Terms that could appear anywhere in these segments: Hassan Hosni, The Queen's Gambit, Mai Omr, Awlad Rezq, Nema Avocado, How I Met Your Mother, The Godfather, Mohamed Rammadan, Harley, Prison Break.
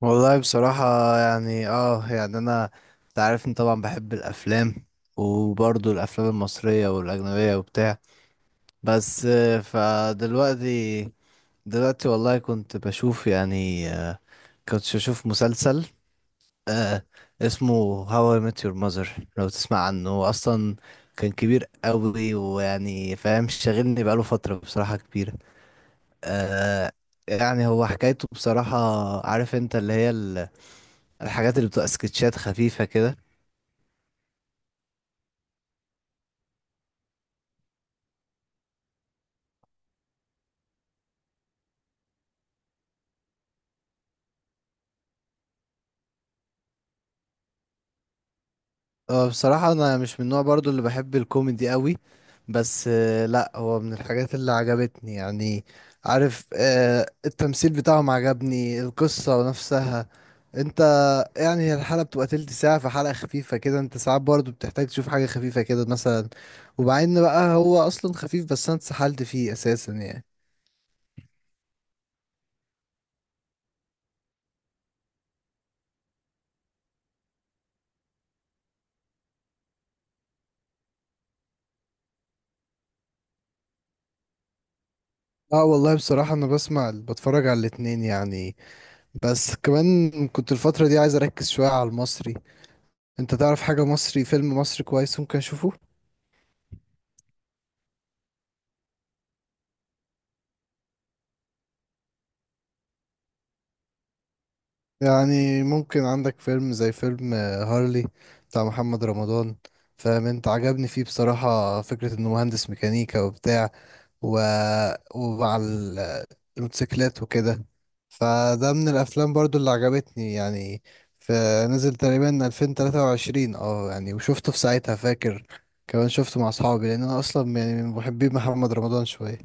والله بصراحة. يعني يعني انا، انت عارف ان طبعا بحب الافلام، وبرضه الافلام المصرية والاجنبية وبتاع. بس فدلوقتي دلوقتي والله كنت بشوف مسلسل آه اسمه هاو اي ميت يور ماذر. لو تسمع عنه، هو اصلا كان كبير قوي، ويعني فاهم، شاغلني بقاله فترة بصراحة كبيرة. آه يعني هو حكايته بصراحة، عارف انت اللي هي الحاجات اللي بتبقى سكتشات خفيفة كده. اه بصراحة انا مش من النوع برضو اللي بحب الكوميدي قوي، بس لا هو من الحاجات اللي عجبتني يعني. عارف، التمثيل بتاعهم عجبني، القصة نفسها. انت يعني هي الحلقة بتبقى تلت ساعة، فحلقة خفيفة كده، انت ساعات برضو بتحتاج تشوف حاجة خفيفة كده مثلا. وبعدين بقى هو اصلا خفيف، بس انا اتسحلت فيه اساسا يعني. اه والله بصراحة انا بسمع بتفرج على الاتنين يعني، بس كمان كنت الفترة دي عايز أركز شوية على المصري. أنت تعرف حاجة مصري، فيلم مصري كويس ممكن أشوفه. يعني ممكن عندك فيلم زي فيلم هارلي بتاع محمد رمضان. فاهم أنت، عجبني فيه بصراحة فكرة إنه مهندس ميكانيكا وبتاع، و... ومع الموتوسيكلات وكده. فده من الافلام برضو اللي عجبتني يعني. فنزل تقريبا 2023، يعني وشفته في ساعتها فاكر. كمان شفته مع اصحابي لان انا اصلا يعني من محبي محمد رمضان شويه.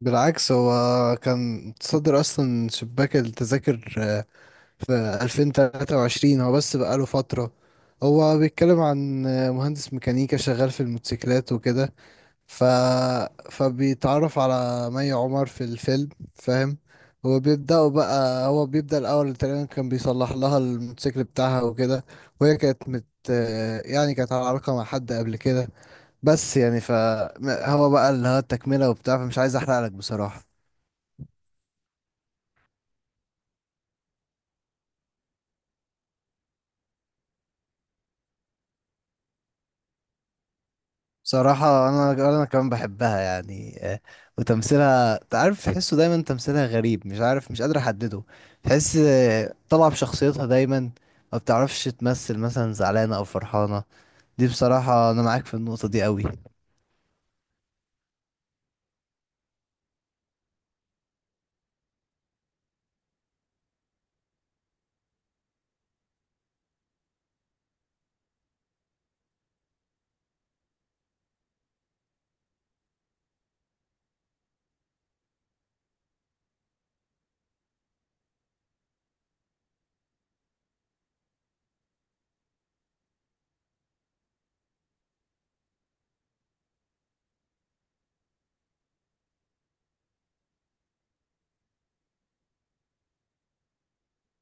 بالعكس، هو كان متصدر اصلا شباك التذاكر، في 2023 هو، بس بقاله فتره. هو بيتكلم عن مهندس ميكانيكا شغال في الموتوسيكلات وكده. ف... فبيتعرف على مي عمر في الفيلم. فاهم، هو بيبدأ الأول تقريبا كان بيصلح لها الموتوسيكل بتاعها وكده. وهي كانت مت يعني كانت على علاقة مع حد قبل كده. بس يعني هو بقى اللي هو التكملة وبتاع، فمش عايز أحرق لك بصراحة. بصراحة أنا كمان بحبها يعني، وتمثيلها تعرف تحسه دايما تمثيلها غريب، مش عارف مش قادر أحدده. تحس طالعة بشخصيتها دايما، ما بتعرفش تمثل مثلا زعلانة او فرحانة. دي بصراحة انا معاك في النقطة دي قوي.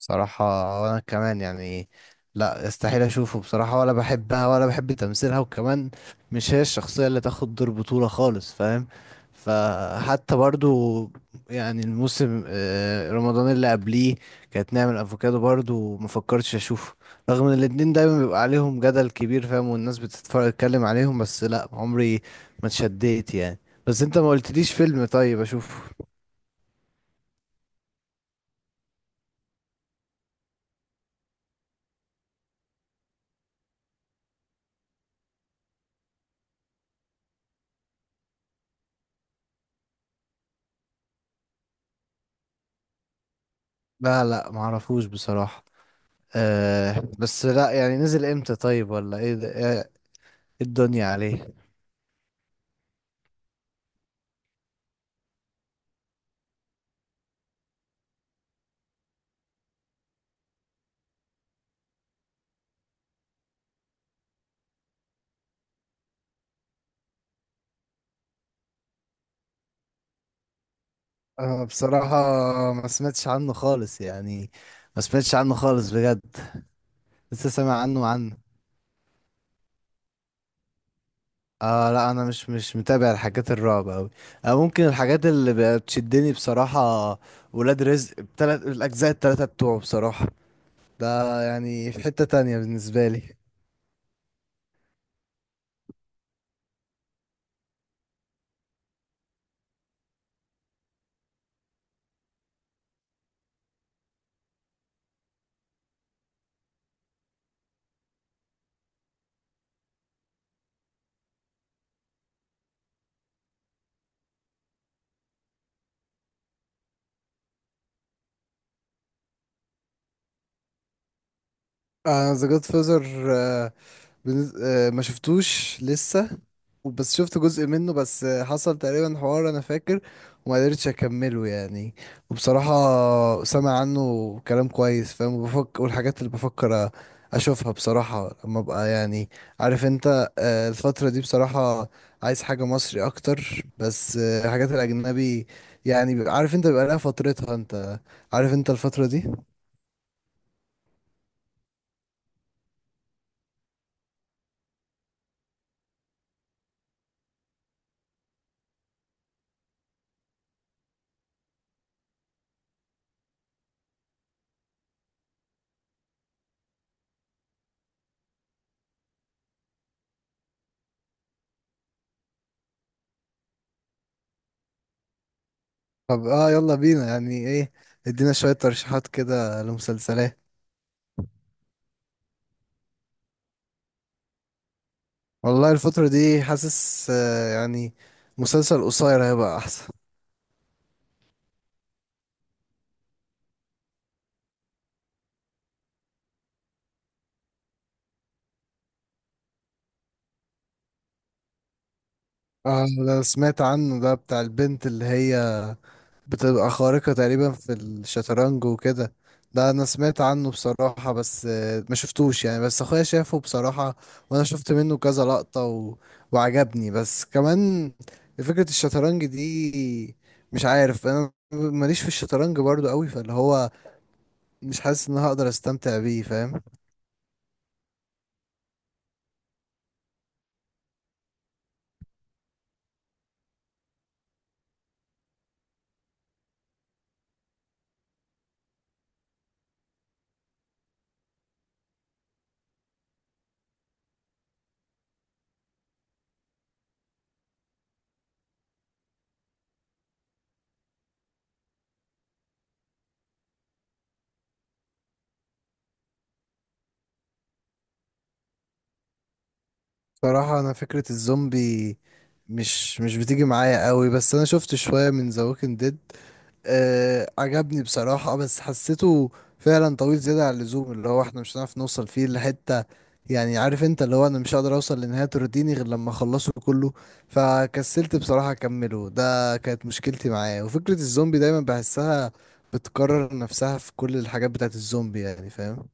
بصراحة وأنا كمان يعني، لا، استحيل أشوفه بصراحة، ولا بحبها ولا بحب تمثيلها، وكمان مش هي الشخصية اللي تاخد دور بطولة خالص فاهم. فحتى برضو يعني الموسم رمضان اللي قبليه كانت نعمة أفوكادو، برضو مفكرتش أشوفه رغم إن الاتنين دايما بيبقى عليهم جدل كبير فاهم، والناس بتتفرج تتكلم عليهم، بس لا عمري ما اتشديت يعني. بس انت ما قلتليش فيلم طيب أشوفه. لا لا، معرفوش بصراحة. بس لا، يعني نزل امتى طيب، ولا ايه ده، ايه إيه الدنيا عليه؟ انا بصراحة ما سمعتش عنه خالص يعني، ما سمعتش عنه خالص بجد. لسه سامع عنه. اه لا، انا مش متابع الحاجات الرعب اوي. ممكن الحاجات اللي بتشدني بصراحة، ولاد رزق بتلات الاجزاء التلاتة بتوعه بصراحة، ده يعني في حتة تانية بالنسبة لي. انا ذا جود فازر، بنز... آه، ما شفتوش لسه، بس شفت جزء منه. بس حصل تقريبا حوار انا فاكر، وما قدرتش اكمله يعني. وبصراحة سامع عنه كلام كويس فاهم، بفكر، والحاجات اللي بفكر اشوفها بصراحة لما ابقى يعني، عارف انت، الفترة دي بصراحة عايز حاجة مصري اكتر، بس الحاجات الاجنبي يعني عارف انت بيبقى لها فترتها، انت عارف انت الفترة دي. طب يلا بينا يعني ايه، ادينا شوية ترشيحات كده لمسلسلات. والله الفترة دي حاسس يعني مسلسل قصير هيبقى أحسن. اه ده سمعت عنه، ده بتاع البنت اللي هي بتبقى خارقة تقريبا في الشطرنج وكده. ده أنا سمعت عنه بصراحة، بس ما شفتوش يعني، بس أخويا شافه بصراحة. وأنا شفت منه كذا لقطة وعجبني، بس كمان فكرة الشطرنج دي مش عارف، أنا ماليش في الشطرنج برضو قوي، فاللي هو مش حاسس إن أنا هقدر أستمتع بيه فاهم. صراحة أنا فكرة الزومبي مش بتيجي معايا قوي، بس أنا شفت شوية من ذا ووكينج ديد. عجبني بصراحة، بس حسيته فعلا طويل زيادة عن اللزوم، اللي هو احنا مش هنعرف نوصل فيه لحتة. يعني عارف انت اللي هو أنا مش هقدر أوصل لنهاية ترضيني غير لما أخلصه كله، فكسلت بصراحة أكمله. ده كانت مشكلتي معاه. وفكرة الزومبي دايما بحسها بتكرر نفسها في كل الحاجات بتاعت الزومبي يعني فاهم.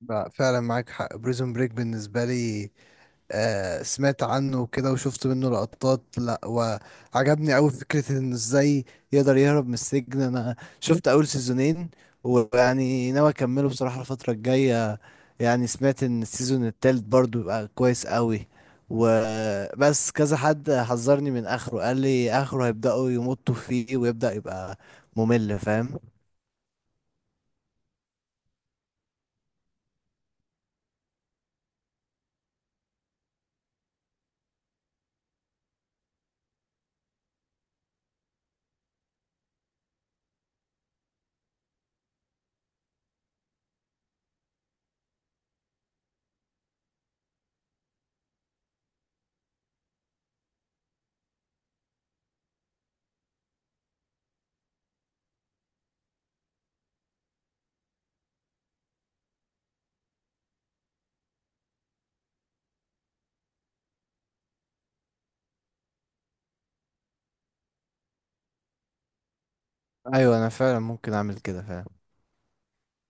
بقى فعلا معاك حق، بريزون بريك بالنسبة لي سمعت عنه وكده، وشفت منه لقطات، لا وعجبني قوي فكرة انه ازاي يقدر يهرب من السجن. انا شفت اول سيزونين، ويعني ناوي اكمله بصراحة الفترة الجاية. يعني سمعت ان السيزون التالت برضو يبقى كويس قوي. وبس كذا حد حذرني من اخره، قال لي اخره هيبدأوا يمطوا فيه ويبدأ يبقى ممل فاهم. ايوه، انا فعلا ممكن اعمل كده فعلا.